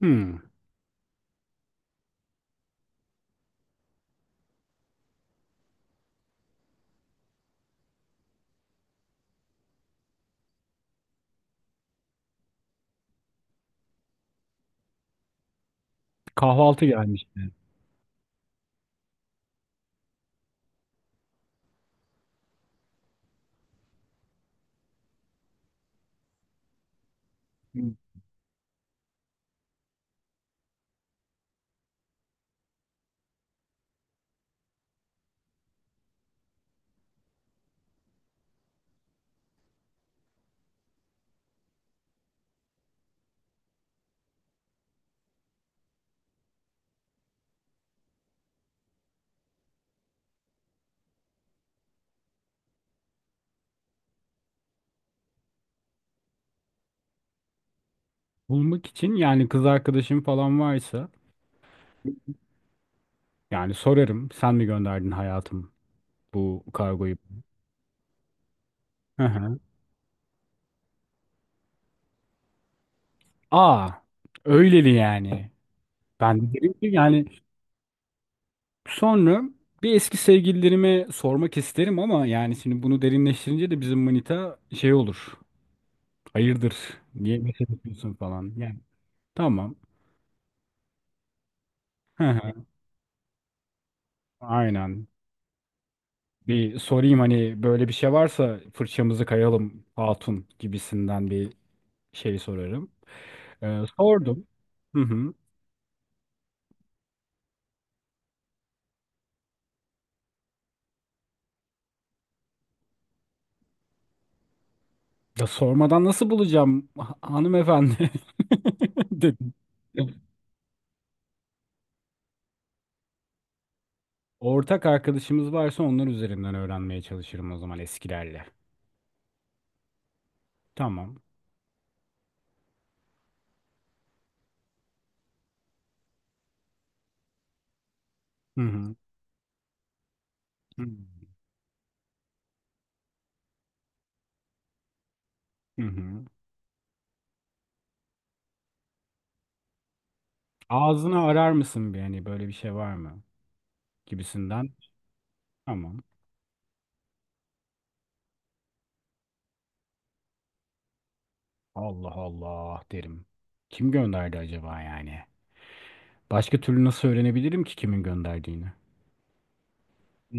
Hmm, kahvaltı gelmişti. Bulmak için yani kız arkadaşım falan varsa yani sorarım. Sen mi gönderdin hayatım bu kargoyu? Hı hı. Aa, öyleli yani. Ben de derim ki yani sonra bir eski sevgililerime sormak isterim ama yani şimdi bunu derinleştirince de bizim manita şey olur. Hayırdır? Niye mesaj yapıyorsun falan. Yani tamam. Hı hı. Aynen. Bir sorayım hani böyle bir şey varsa fırçamızı kayalım hatun gibisinden bir şeyi sorarım. Sordum. Hı hı. Ya sormadan nasıl bulacağım hanımefendi dedim. Ortak arkadaşımız varsa onlar üzerinden öğrenmeye çalışırım o zaman eskilerle. Tamam. Hı hı. Hı hı. Hı. Ağzını arar mısın bir hani böyle bir şey var mı gibisinden. Tamam. Allah Allah derim. Kim gönderdi acaba yani? Başka türlü nasıl öğrenebilirim ki kimin gönderdiğini?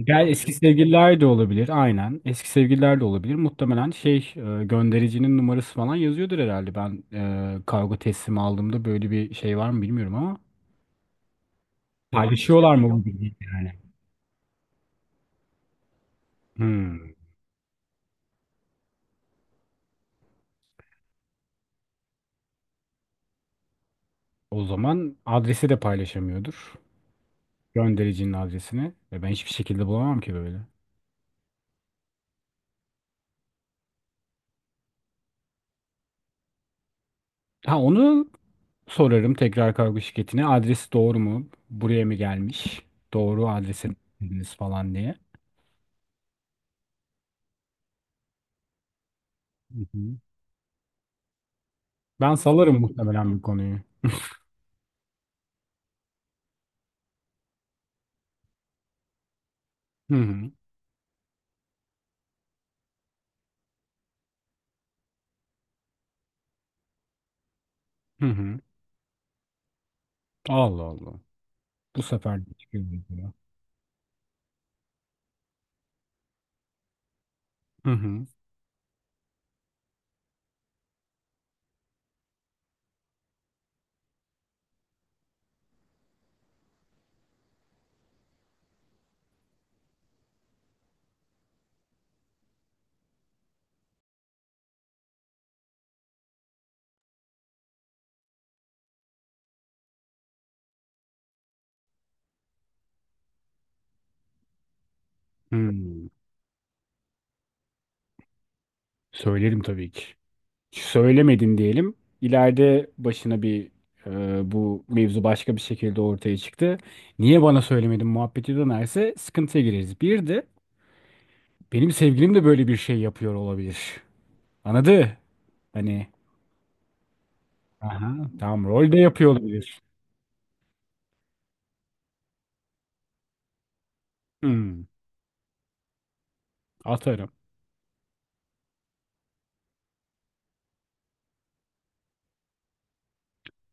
Gel eski sevgililer de olabilir aynen. Eski sevgililer de olabilir. Muhtemelen şey göndericinin numarası falan yazıyordur herhalde. Ben kargo teslimi aldığımda böyle bir şey var mı bilmiyorum ama paylaşıyorlar mı bu bilgiyi yani? Hmm. O zaman adresi de paylaşamıyordur. Göndericinin adresini. Ve ben hiçbir şekilde bulamam ki böyle. Ha onu sorarım tekrar kargo şirketine. Adresi doğru mu? Buraya mı gelmiş? Doğru adrese mi verdiniz falan diye. Hı hı. Ben salarım muhtemelen bu konuyu. Hı hı. Hı hı. Allah Allah. Bu sefer de çıkıyor video. Hı hı. Hı. Söylerim tabii ki. Söylemedin diyelim. İleride başına bir bu mevzu başka bir şekilde ortaya çıktı. Niye bana söylemedin muhabbeti dönerse sıkıntıya gireriz. Bir de benim sevgilim de böyle bir şey yapıyor olabilir. Anladı? Hani aha, tamam rol de yapıyor olabilir. Hı. Atarım.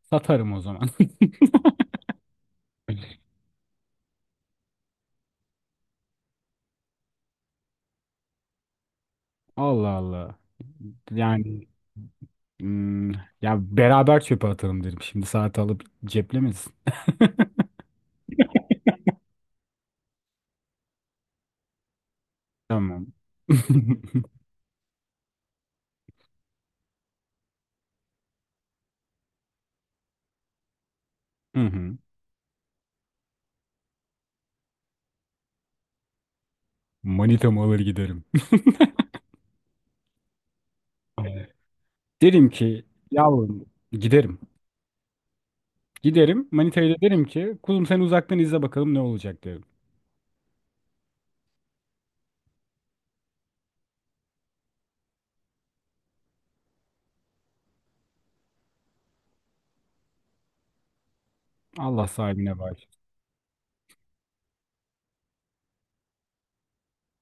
Satarım o zaman. Allah Allah. Yani hmm, ya beraber çöpe atalım derim. Şimdi saati alıp ceplemesin. Tamam. Hı hı. Manitamı alır giderim. Derim ki yavrum giderim. Giderim. Manitaya da derim ki kuzum sen uzaktan izle bakalım ne olacak derim. Allah sahibine bağışlasın.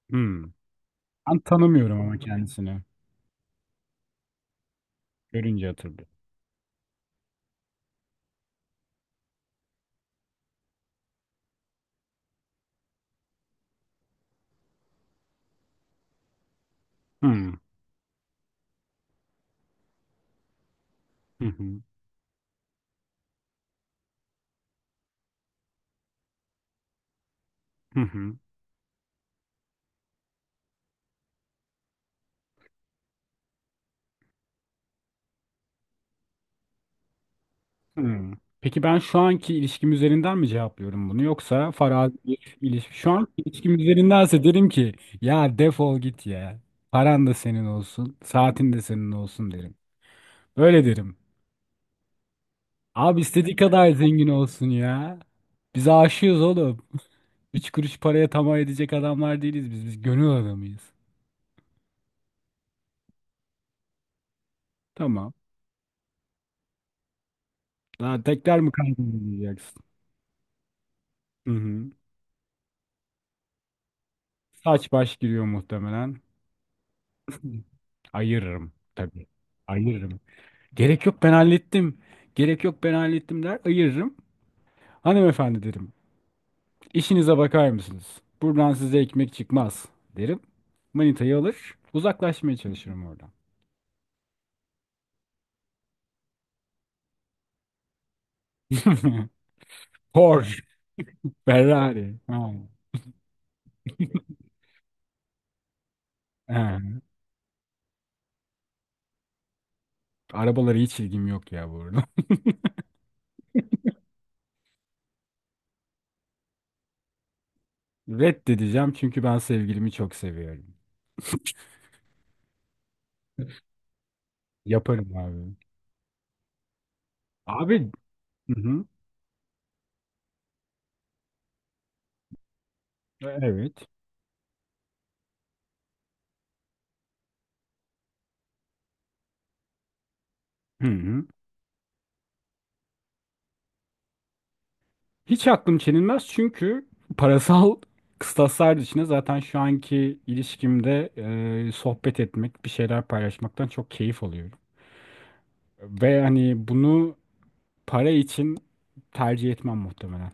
Hmm. Ben tanımıyorum ama kendisini. Görünce hatırlıyorum. Hmm. Hı hı. Hı hı. Hmm. Peki ben şu anki ilişkim üzerinden mi cevaplıyorum bunu yoksa farazi bir ilişki. Şu anki ilişkim üzerindense derim ki ya defol git ya. Paran da senin olsun, saatin de senin olsun derim. Öyle derim. Abi istediği kadar zengin olsun ya. Biz aşığız oğlum. Üç kuruş paraya tamah edecek adamlar değiliz biz. Biz gönül adamıyız. Tamam. Daha tekrar mı kankim diyeceksin? Hı hı. Saç baş giriyor muhtemelen. Ayırırım tabii. Ayırırım. Gerek yok ben hallettim. Gerek yok ben hallettim der ayırırım. Hanımefendi derim. İşinize bakar mısınız? Buradan size ekmek çıkmaz derim. Manitayı alır. Uzaklaşmaya çalışırım oradan. Porsche, Ferrari. Ha. Ha. Arabalara hiç ilgim yok ya bu arada. Reddedeceğim çünkü ben sevgilimi çok seviyorum. Yaparım abi. Abi. Hı hı. Evet. Hı hı. Hiç aklım çelinmez çünkü parasal kıstaslar dışında zaten şu anki ilişkimde sohbet etmek, bir şeyler paylaşmaktan çok keyif alıyorum. Ve hani bunu para için tercih etmem muhtemelen.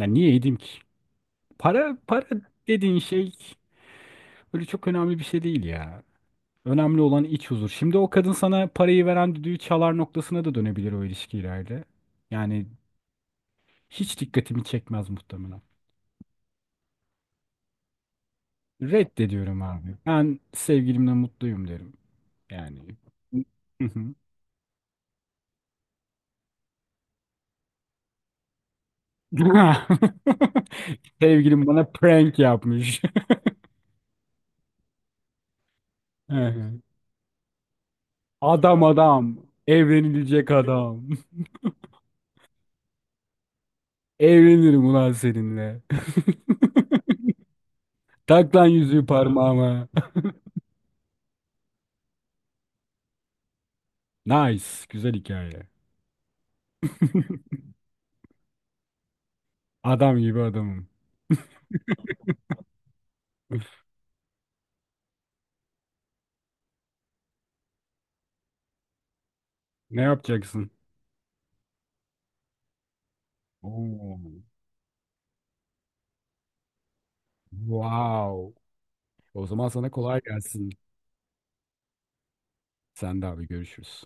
Yani niye edeyim ki? Para dediğin şey öyle çok önemli bir şey değil ya. Önemli olan iç huzur. Şimdi o kadın sana parayı veren düdüğü çalar noktasına da dönebilir o ilişki ileride. Yani hiç dikkatimi çekmez muhtemelen. Reddediyorum abi. Ben sevgilimle mutluyum derim. Yani. Hı hı. Sevgilim bana prank yapmış. Hı hı. Adam adam. Evlenilecek adam. Evlenirim ulan seninle. Tak lan yüzüğü parmağıma. Nice. Güzel hikaye. Adam gibi adamım. Ne yapacaksın? Oo. Wow. O zaman sana kolay gelsin. Sen de abi görüşürüz.